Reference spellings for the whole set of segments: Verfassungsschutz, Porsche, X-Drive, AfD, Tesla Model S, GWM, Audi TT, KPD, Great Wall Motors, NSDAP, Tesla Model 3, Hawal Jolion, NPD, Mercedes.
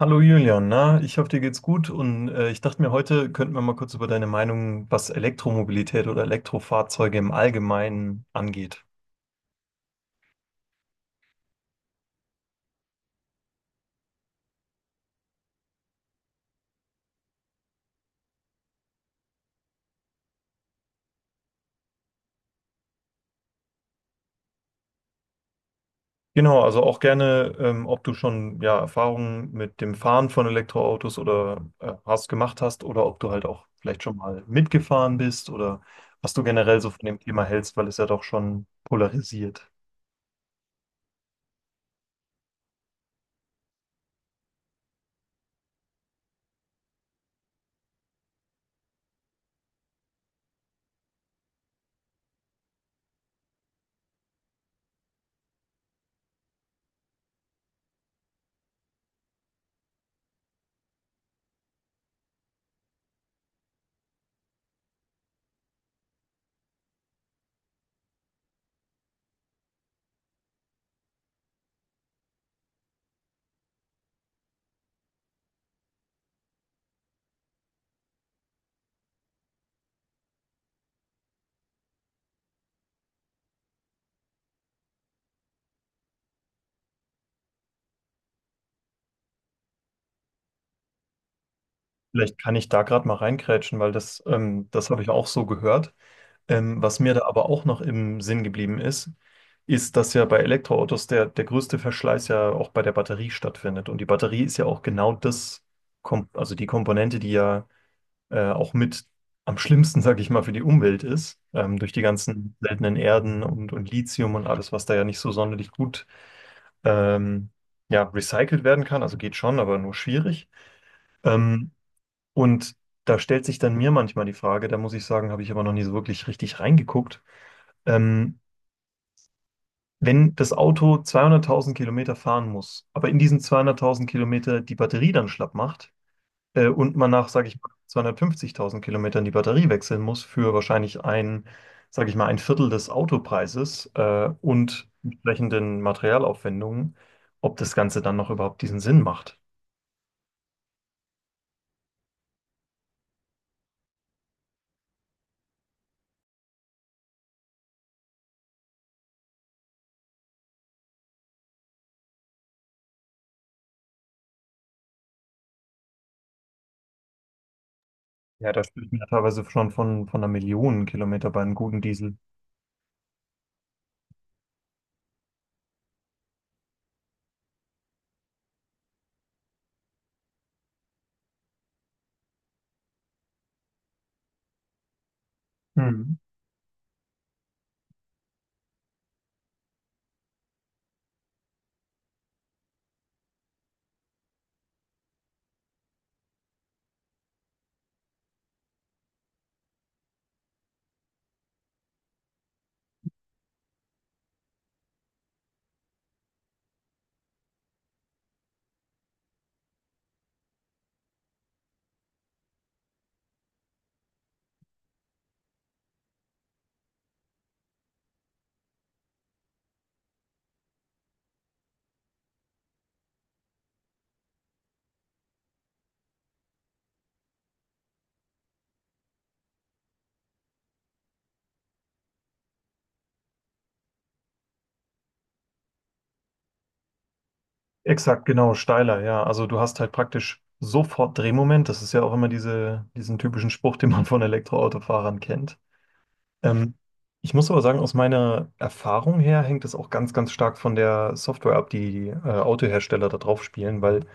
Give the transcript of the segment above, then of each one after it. Hallo Julian, na, ich hoffe, dir geht's gut und ich dachte mir, heute könnten wir mal kurz über deine Meinung, was Elektromobilität oder Elektrofahrzeuge im Allgemeinen angeht. Genau, also auch gerne, ob du schon ja, Erfahrungen mit dem Fahren von Elektroautos oder hast gemacht hast oder ob du halt auch vielleicht schon mal mitgefahren bist oder was du generell so von dem Thema hältst, weil es ja doch schon polarisiert. Vielleicht kann ich da gerade mal reingrätschen, weil das habe ich auch so gehört. Was mir da aber auch noch im Sinn geblieben ist, ist, dass ja bei Elektroautos der größte Verschleiß ja auch bei der Batterie stattfindet. Und die Batterie ist ja auch genau das, Kom also die Komponente, die ja auch mit am schlimmsten, sage ich mal, für die Umwelt ist, durch die ganzen seltenen Erden und Lithium und alles, was da ja nicht so sonderlich gut ähm, ja, recycelt werden kann. Also geht schon, aber nur schwierig. Ähm, und da stellt sich dann mir manchmal die Frage, da muss ich sagen, habe ich aber noch nie so wirklich richtig reingeguckt. Ähm, Wenn das Auto 200.000 Kilometer fahren muss, aber in diesen 200.000 Kilometer die Batterie dann schlapp macht und man nach, sage ich mal, 250.000 Kilometern die Batterie wechseln muss für wahrscheinlich ein, sage ich mal, ein Viertel des Autopreises und entsprechenden Materialaufwendungen, ob das Ganze dann noch überhaupt diesen Sinn macht. Ja, da spricht man ja teilweise schon von 1 Million Kilometer bei einem guten Diesel. Hm. Exakt, genau, steiler, ja. Also du hast halt praktisch sofort Drehmoment. Das ist ja auch immer diese, diesen typischen Spruch, den man von Elektroautofahrern kennt. Ähm, Ich muss aber sagen, aus meiner Erfahrung her hängt es auch ganz, ganz stark von der Software ab, die Autohersteller da drauf spielen, weil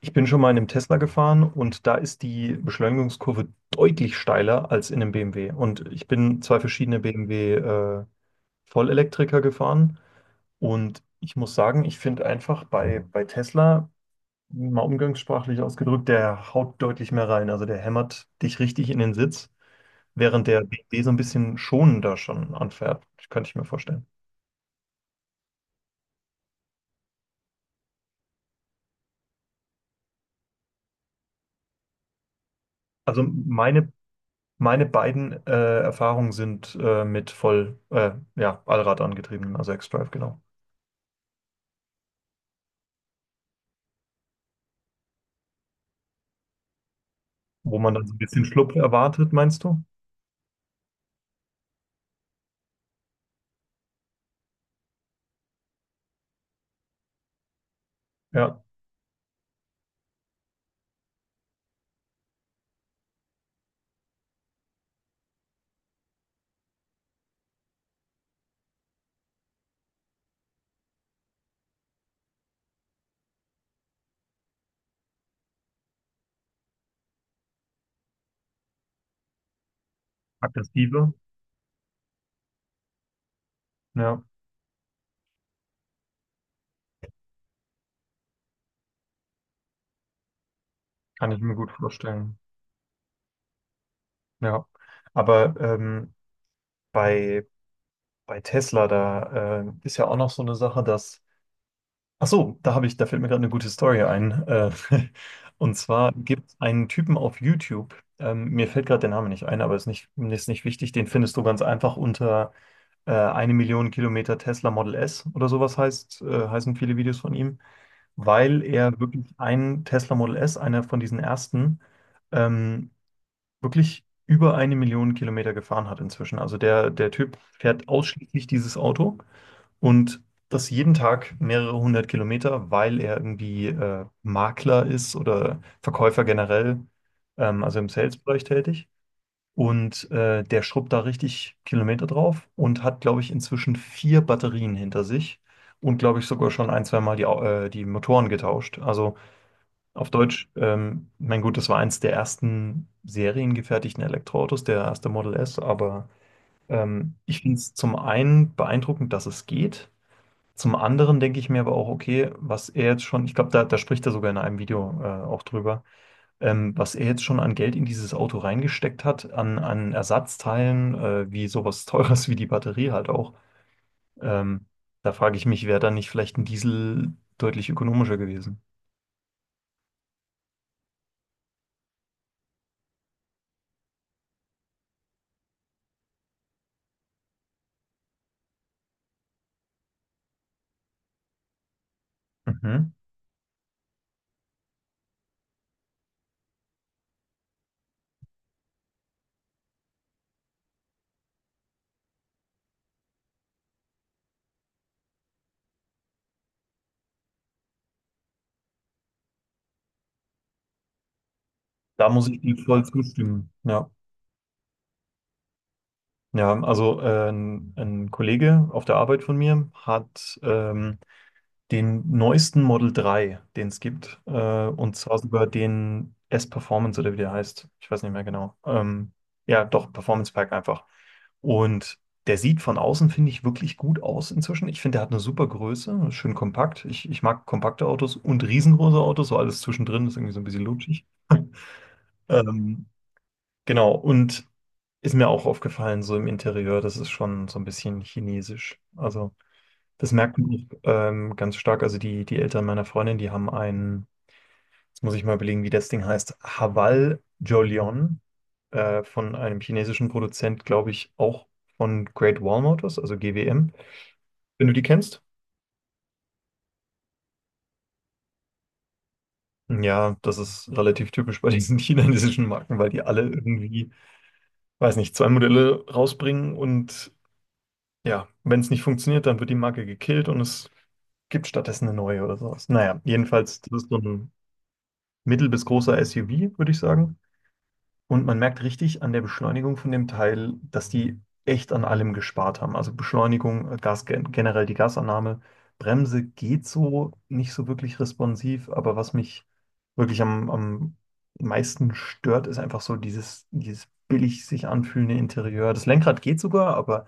ich bin schon mal in einem Tesla gefahren und da ist die Beschleunigungskurve deutlich steiler als in einem BMW. Und ich bin zwei verschiedene BMW Vollelektriker gefahren und ich muss sagen, ich finde einfach bei Tesla mal umgangssprachlich ausgedrückt, der haut deutlich mehr rein. Also der hämmert dich richtig in den Sitz, während der BMW so ein bisschen schonender schon anfährt. Könnte ich mir vorstellen. Also meine, meine beiden Erfahrungen sind mit voll, ja, Allrad angetriebenen, also X-Drive, genau. Wo man dann so ein bisschen Schlupf erwartet, meinst du? Ja, aggressive. Ja, kann ich mir gut vorstellen. Ja, aber bei, bei Tesla, da ist ja auch noch so eine Sache, dass Ach so, da habe ich, da fällt mir gerade eine gute Story ein. Und zwar gibt es einen Typen auf YouTube. Mir fällt gerade der Name nicht ein, aber ist nicht wichtig. Den findest du ganz einfach unter 1 Million Kilometer Tesla Model S oder sowas heißt, heißen viele Videos von ihm, weil er wirklich einen Tesla Model S, einer von diesen ersten, ähm, wirklich über 1 Million Kilometer gefahren hat inzwischen. Also der, der Typ fährt ausschließlich dieses Auto. Und das jeden Tag mehrere hundert Kilometer, weil er irgendwie Makler ist oder Verkäufer generell, also im Sales-Bereich tätig. Und der schrubbt da richtig Kilometer drauf und hat, glaube ich, inzwischen vier Batterien hinter sich und, glaube ich, sogar schon ein, zwei Mal die Motoren getauscht. Also auf Deutsch, mein Gut, das war eins der ersten seriengefertigten Elektroautos, der erste Model S, aber ich finde es zum einen beeindruckend, dass es geht. Zum anderen denke ich mir aber auch, okay, was er jetzt schon, ich glaube, da spricht er sogar in einem Video auch drüber, was er jetzt schon an Geld in dieses Auto reingesteckt hat, an Ersatzteilen, wie sowas Teures wie die Batterie halt auch. Ähm, Da frage ich mich, wäre da nicht vielleicht ein Diesel deutlich ökonomischer gewesen? Mhm. Da muss ich dir voll zustimmen. Ja, ja, also ein Kollege auf der Arbeit von mir hat den neuesten Model 3, den es gibt. Und zwar sogar den S-Performance oder wie der heißt. Ich weiß nicht mehr genau. Ja, doch, Performance Pack einfach. Und der sieht von außen, finde ich, wirklich gut aus inzwischen. Ich finde, der hat eine super Größe, schön kompakt. Ich mag kompakte Autos und riesengroße Autos, so alles zwischendrin ist irgendwie so ein bisschen lutschig. Ähm, genau, und ist mir auch aufgefallen, so im Interieur, das ist schon so ein bisschen chinesisch. Also das merkt man auch ganz stark. Also die Eltern meiner Freundin, die haben einen, jetzt muss ich mal überlegen, wie das Ding heißt, Hawal Jolion von einem chinesischen Produzent, glaube ich, auch von Great Wall Motors, also GWM, wenn du die kennst. Ja, das ist relativ typisch bei diesen chinesischen Marken, weil die alle irgendwie, weiß nicht, zwei Modelle rausbringen und ja, wenn es nicht funktioniert, dann wird die Marke gekillt und es gibt stattdessen eine neue oder sowas. Naja, jedenfalls, das ist so ein mittel bis großer SUV, würde ich sagen. Und man merkt richtig an der Beschleunigung von dem Teil, dass die echt an allem gespart haben. Also Beschleunigung, generell die Gasannahme. Bremse geht so nicht so wirklich responsiv, aber was mich wirklich am meisten stört, ist einfach so dieses billig sich anfühlende Interieur. Das Lenkrad geht sogar, aber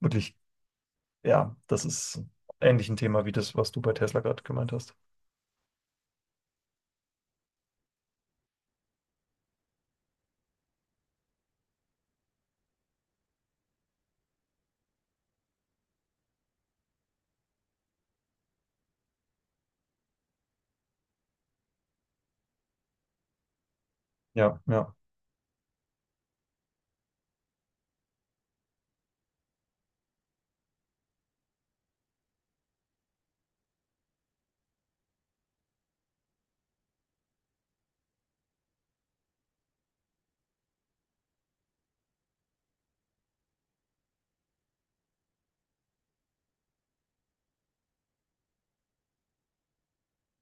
wirklich, ja, das ist ähnlich ein Thema wie das, was du bei Tesla gerade gemeint hast. Ja, ja.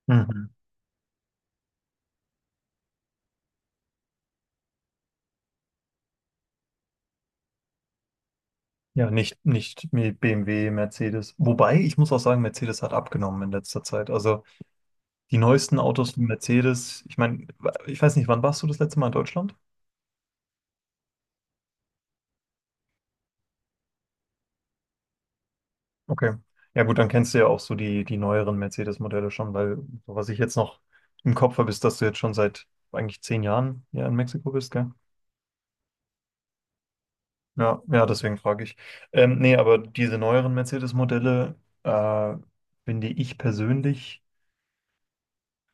Mhm. Ja, nicht mit BMW, Mercedes. Wobei, ich muss auch sagen, Mercedes hat abgenommen in letzter Zeit. Also die neuesten Autos von Mercedes, ich meine, ich weiß nicht, wann warst du das letzte Mal in Deutschland? Okay. Ja gut, dann kennst du ja auch so die neueren Mercedes-Modelle schon, weil so was ich jetzt noch im Kopf habe, ist, dass du jetzt schon seit eigentlich 10 Jahren ja in Mexiko bist, gell? Ja, ja, deswegen frage ich. Nee, aber diese neueren Mercedes-Modelle äh, finde ich persönlich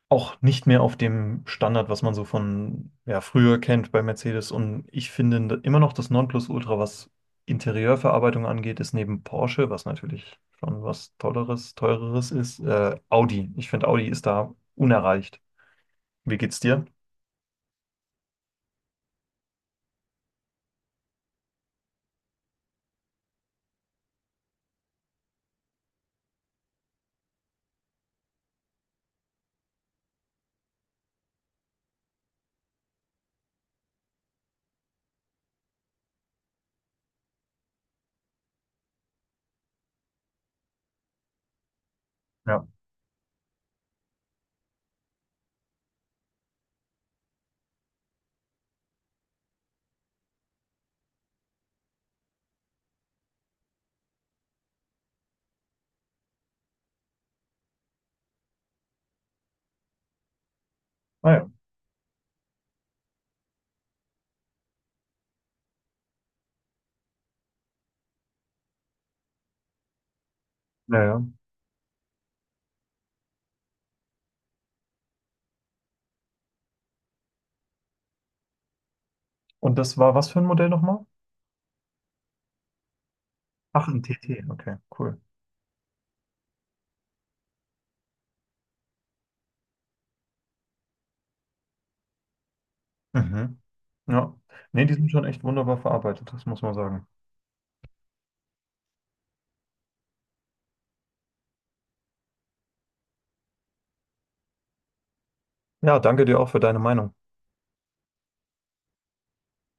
auch nicht mehr auf dem Standard, was man so von ja, früher kennt bei Mercedes. Und ich finde immer noch das Nonplusultra, was Interieurverarbeitung angeht, ist neben Porsche, was natürlich schon was Tolleres, Teureres ist, Audi. Ich finde, Audi ist da unerreicht. Wie geht's dir? Ja. Ah ja. Ja, ja. Und das war was für ein Modell nochmal? Ach, ein TT. Okay, cool. Mhm. Ja. Nee, die sind schon echt wunderbar verarbeitet, das muss man sagen. Ja, danke dir auch für deine Meinung.